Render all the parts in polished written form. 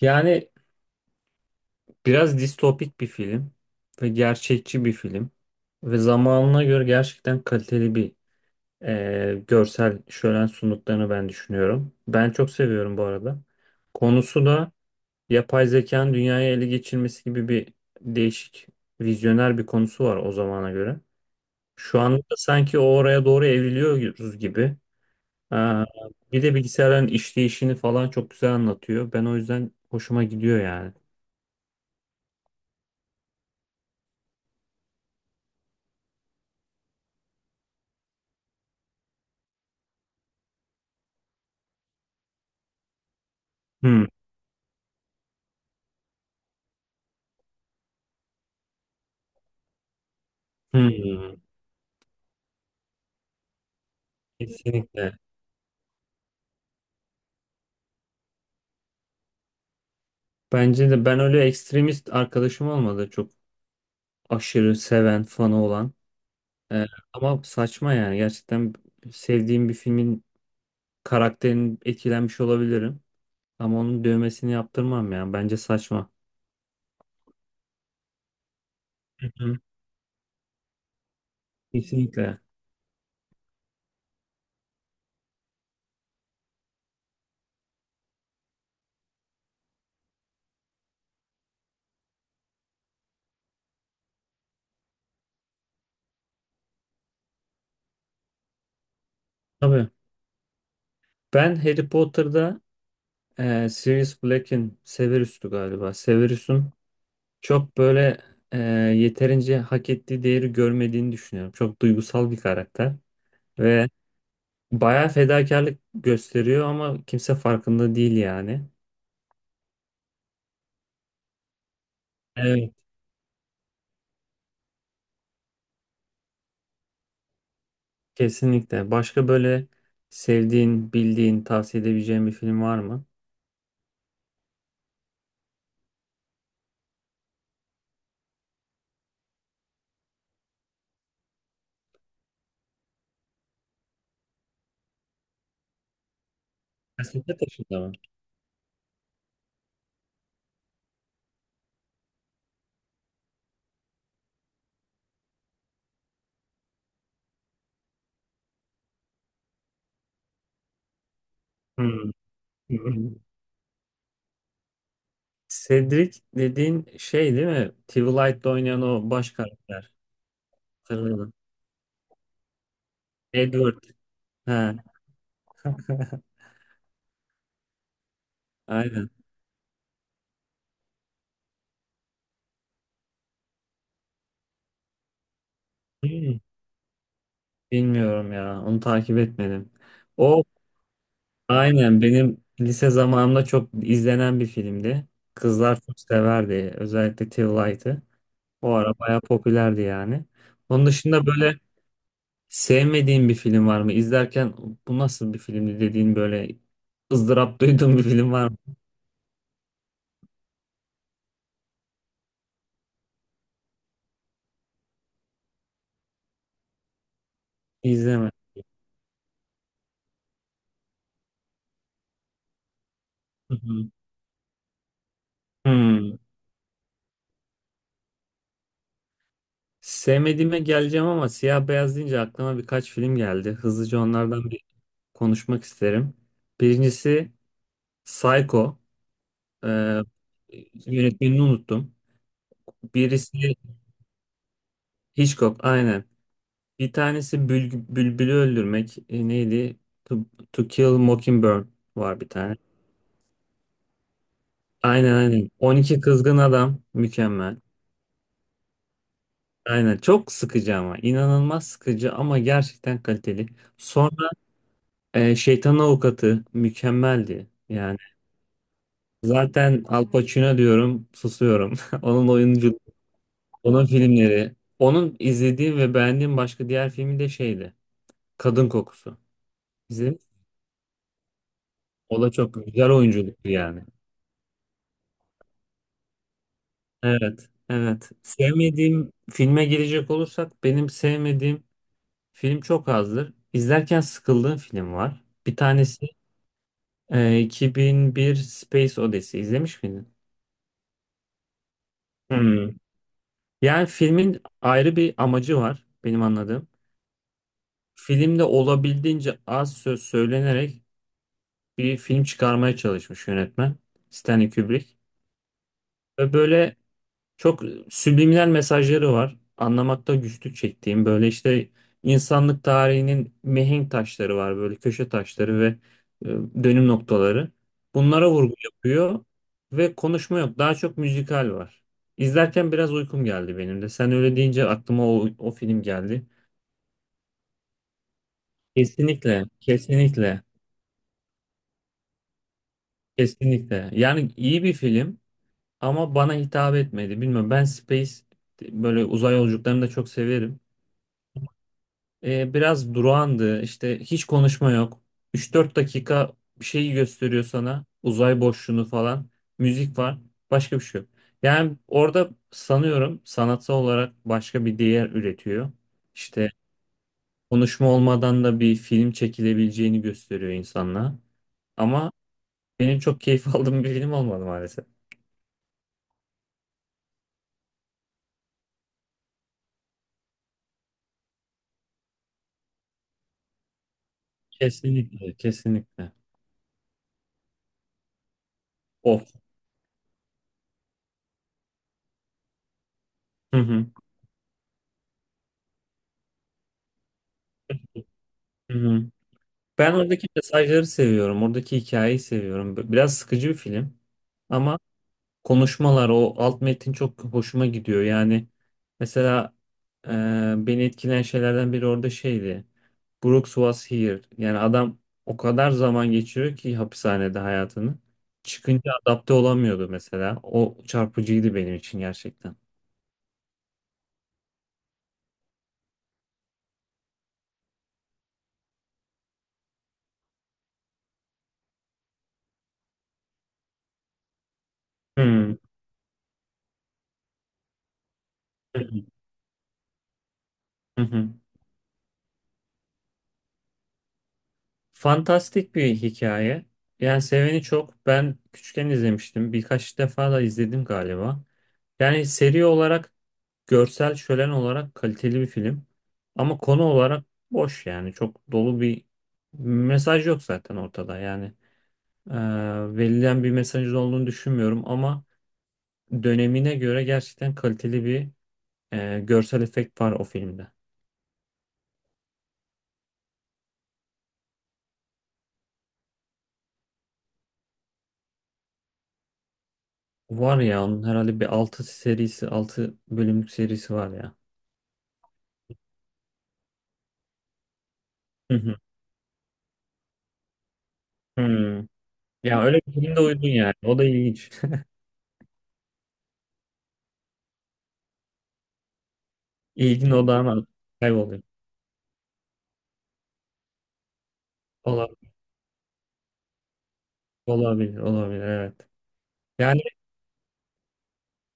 Yani biraz distopik bir film ve gerçekçi bir film ve zamanına göre gerçekten kaliteli bir görsel şölen sunduklarını ben düşünüyorum. Ben çok seviyorum bu arada. Konusu da yapay zekanın dünyaya ele geçirmesi gibi bir değişik vizyoner bir konusu var o zamana göre. Şu anda da sanki o oraya doğru evriliyoruz gibi. Aa, bir de bilgisayarların işleyişini falan çok güzel anlatıyor. Ben o yüzden hoşuma gidiyor yani. Hmm. Hmm. Kesinlikle. Bence de ben öyle ekstremist arkadaşım olmadı. Çok aşırı seven, fanı olan. Ee, Ama saçma yani. Gerçekten sevdiğim bir filmin karakterini etkilenmiş olabilirim. Ama onun dövmesini yaptırmam yani. Bence saçma. Hı hı. Kesinlikle. Tabii. Ben Harry Potter'da Sirius Black'in Severus'tu galiba. Severus'un çok böyle e, yeterince hak ettiği değeri görmediğini düşünüyorum. Çok duygusal bir karakter. Ve bayağı fedakarlık gösteriyor ama kimse farkında değil yani. Evet. Kesinlikle. Başka böyle sevdiğin, bildiğin, tavsiye edebileceğin bir film var mı? Felsefe Taşı'nda mı? Hmm. Cedric dediğin şey değil mi? Twilight'te oynayan o baş karakter. Hatırladım. Edward. He. Aynen. Hmm. Bilmiyorum ya. Onu takip etmedim. O Aynen benim lise zamanımda çok izlenen bir filmdi. Kızlar çok severdi. Özellikle Till. O ara bayağı popülerdi yani. Onun dışında böyle sevmediğin bir film var mı? İzlerken bu nasıl bir filmdi dediğin böyle ızdırap duyduğun bir film var mı? İzleme. Hı hı. Hmm. Sevmediğime geleceğim ama siyah beyaz deyince aklıma birkaç film geldi. Hızlıca onlardan bir konuşmak isterim. Birincisi Psycho. Ee, Yönetmenini unuttum. Birisi Hitchcock, aynen. Bir tanesi bülbülü öldürmek. Neydi? To, To Kill Mockingbird var bir tane. Aynen, aynen. 12 Kızgın Adam mükemmel. Aynen çok sıkıcı ama inanılmaz sıkıcı ama gerçekten kaliteli. Sonra Şeytan Avukatı mükemmeldi. Yani zaten Al Pacino diyorum susuyorum. Onun oyuncu, Onun filmleri. Onun izlediğim ve beğendiğim başka diğer filmi de şeydi. Kadın Kokusu. İzledin. O da çok güzel oyunculuktu yani. Evet, evet. Sevmediğim filme girecek olursak benim sevmediğim film çok azdır. İzlerken sıkıldığım film var. Bir tanesi 2001 Space Odyssey. İzlemiş miydin? Hmm. Yani filmin ayrı bir amacı var benim anladığım. Filmde olabildiğince az söz söylenerek bir film çıkarmaya çalışmış yönetmen Stanley Kubrick. Ve böyle çok subliminal mesajları var. Anlamakta güçlük çektiğim böyle işte insanlık tarihinin mihenk taşları var böyle köşe taşları ve dönüm noktaları. Bunlara vurgu yapıyor ve konuşma yok. Daha çok müzikal var. İzlerken biraz uykum geldi benim de. Sen öyle deyince aklıma o film geldi. Kesinlikle, kesinlikle, kesinlikle. Yani iyi bir film ama bana hitap etmedi. Bilmiyorum ben böyle uzay yolculuklarını da çok severim. Biraz durağandı. İşte hiç konuşma yok. Üç dört dakika bir şeyi gösteriyor sana. Uzay boşluğunu falan. Müzik var. Başka bir şey yok. Yani orada sanıyorum sanatsal olarak başka bir değer üretiyor. İşte konuşma olmadan da bir film çekilebileceğini gösteriyor insanlığa. Ama benim çok keyif aldığım bir film olmadı maalesef. Kesinlikle, kesinlikle. Of. Hı hı. Hı hı. Ben oradaki mesajları seviyorum. Oradaki hikayeyi seviyorum. Biraz sıkıcı bir film. Ama konuşmalar, o alt metin çok hoşuma gidiyor. Yani mesela e, beni etkileyen şeylerden biri orada şeydi. Brooks was here. Yani adam o kadar zaman geçiriyor ki hapishanede hayatını. Çıkınca adapte olamıyordu mesela. O çarpıcıydı benim için gerçekten. Hmm. Fantastik bir hikaye. Yani seveni çok. Ben küçükken izlemiştim. Birkaç defa da izledim galiba. Yani seri olarak görsel şölen olarak kaliteli bir film. Ama konu olarak boş yani. Çok dolu bir mesaj yok zaten ortada. Yani e, verilen bir mesajın olduğunu düşünmüyorum ama dönemine göre gerçekten kaliteli bir görsel efekt var o filmde. Var ya onun herhalde bir altı serisi, altı bölümlük serisi var ya. Hı hı. Hmm. Ya öyle bir filmde uydun yani. O da ilginç. İlgin odağına kayboluyor. Olabilir, olabilir, olabilir, evet. Yani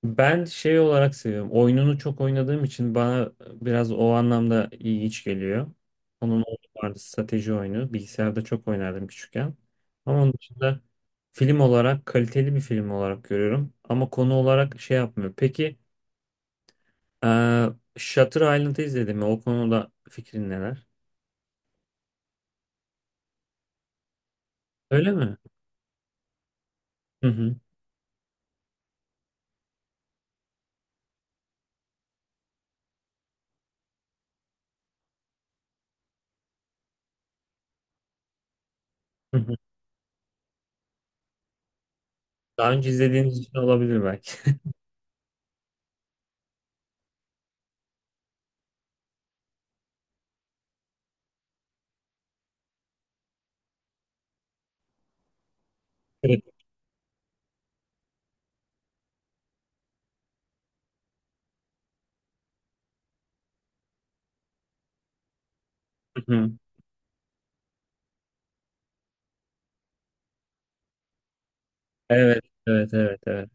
ben şey olarak seviyorum. Oyununu çok oynadığım için bana biraz o anlamda iyi iç geliyor. Onun oyunu vardı strateji oyunu. Bilgisayarda çok oynardım küçükken. Ama onun dışında film olarak kaliteli bir film olarak görüyorum. Ama konu olarak şey yapmıyor. Peki eee Shutter Island'ı izledin mi? O konuda fikrin neler? Öyle mi? Hı hı. Hı hı. Daha önce izlediğiniz için olabilir belki. Evet. Hı hı. Evet, evet, evet, evet.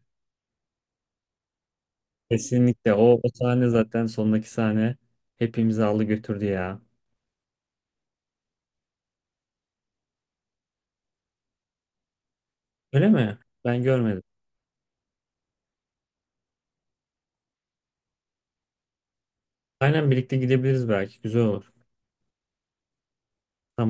Kesinlikle o sahne zaten sondaki sahne hepimizi aldı götürdü ya. Öyle mi? Ben görmedim. Aynen birlikte gidebiliriz belki. Güzel olur. Tamam.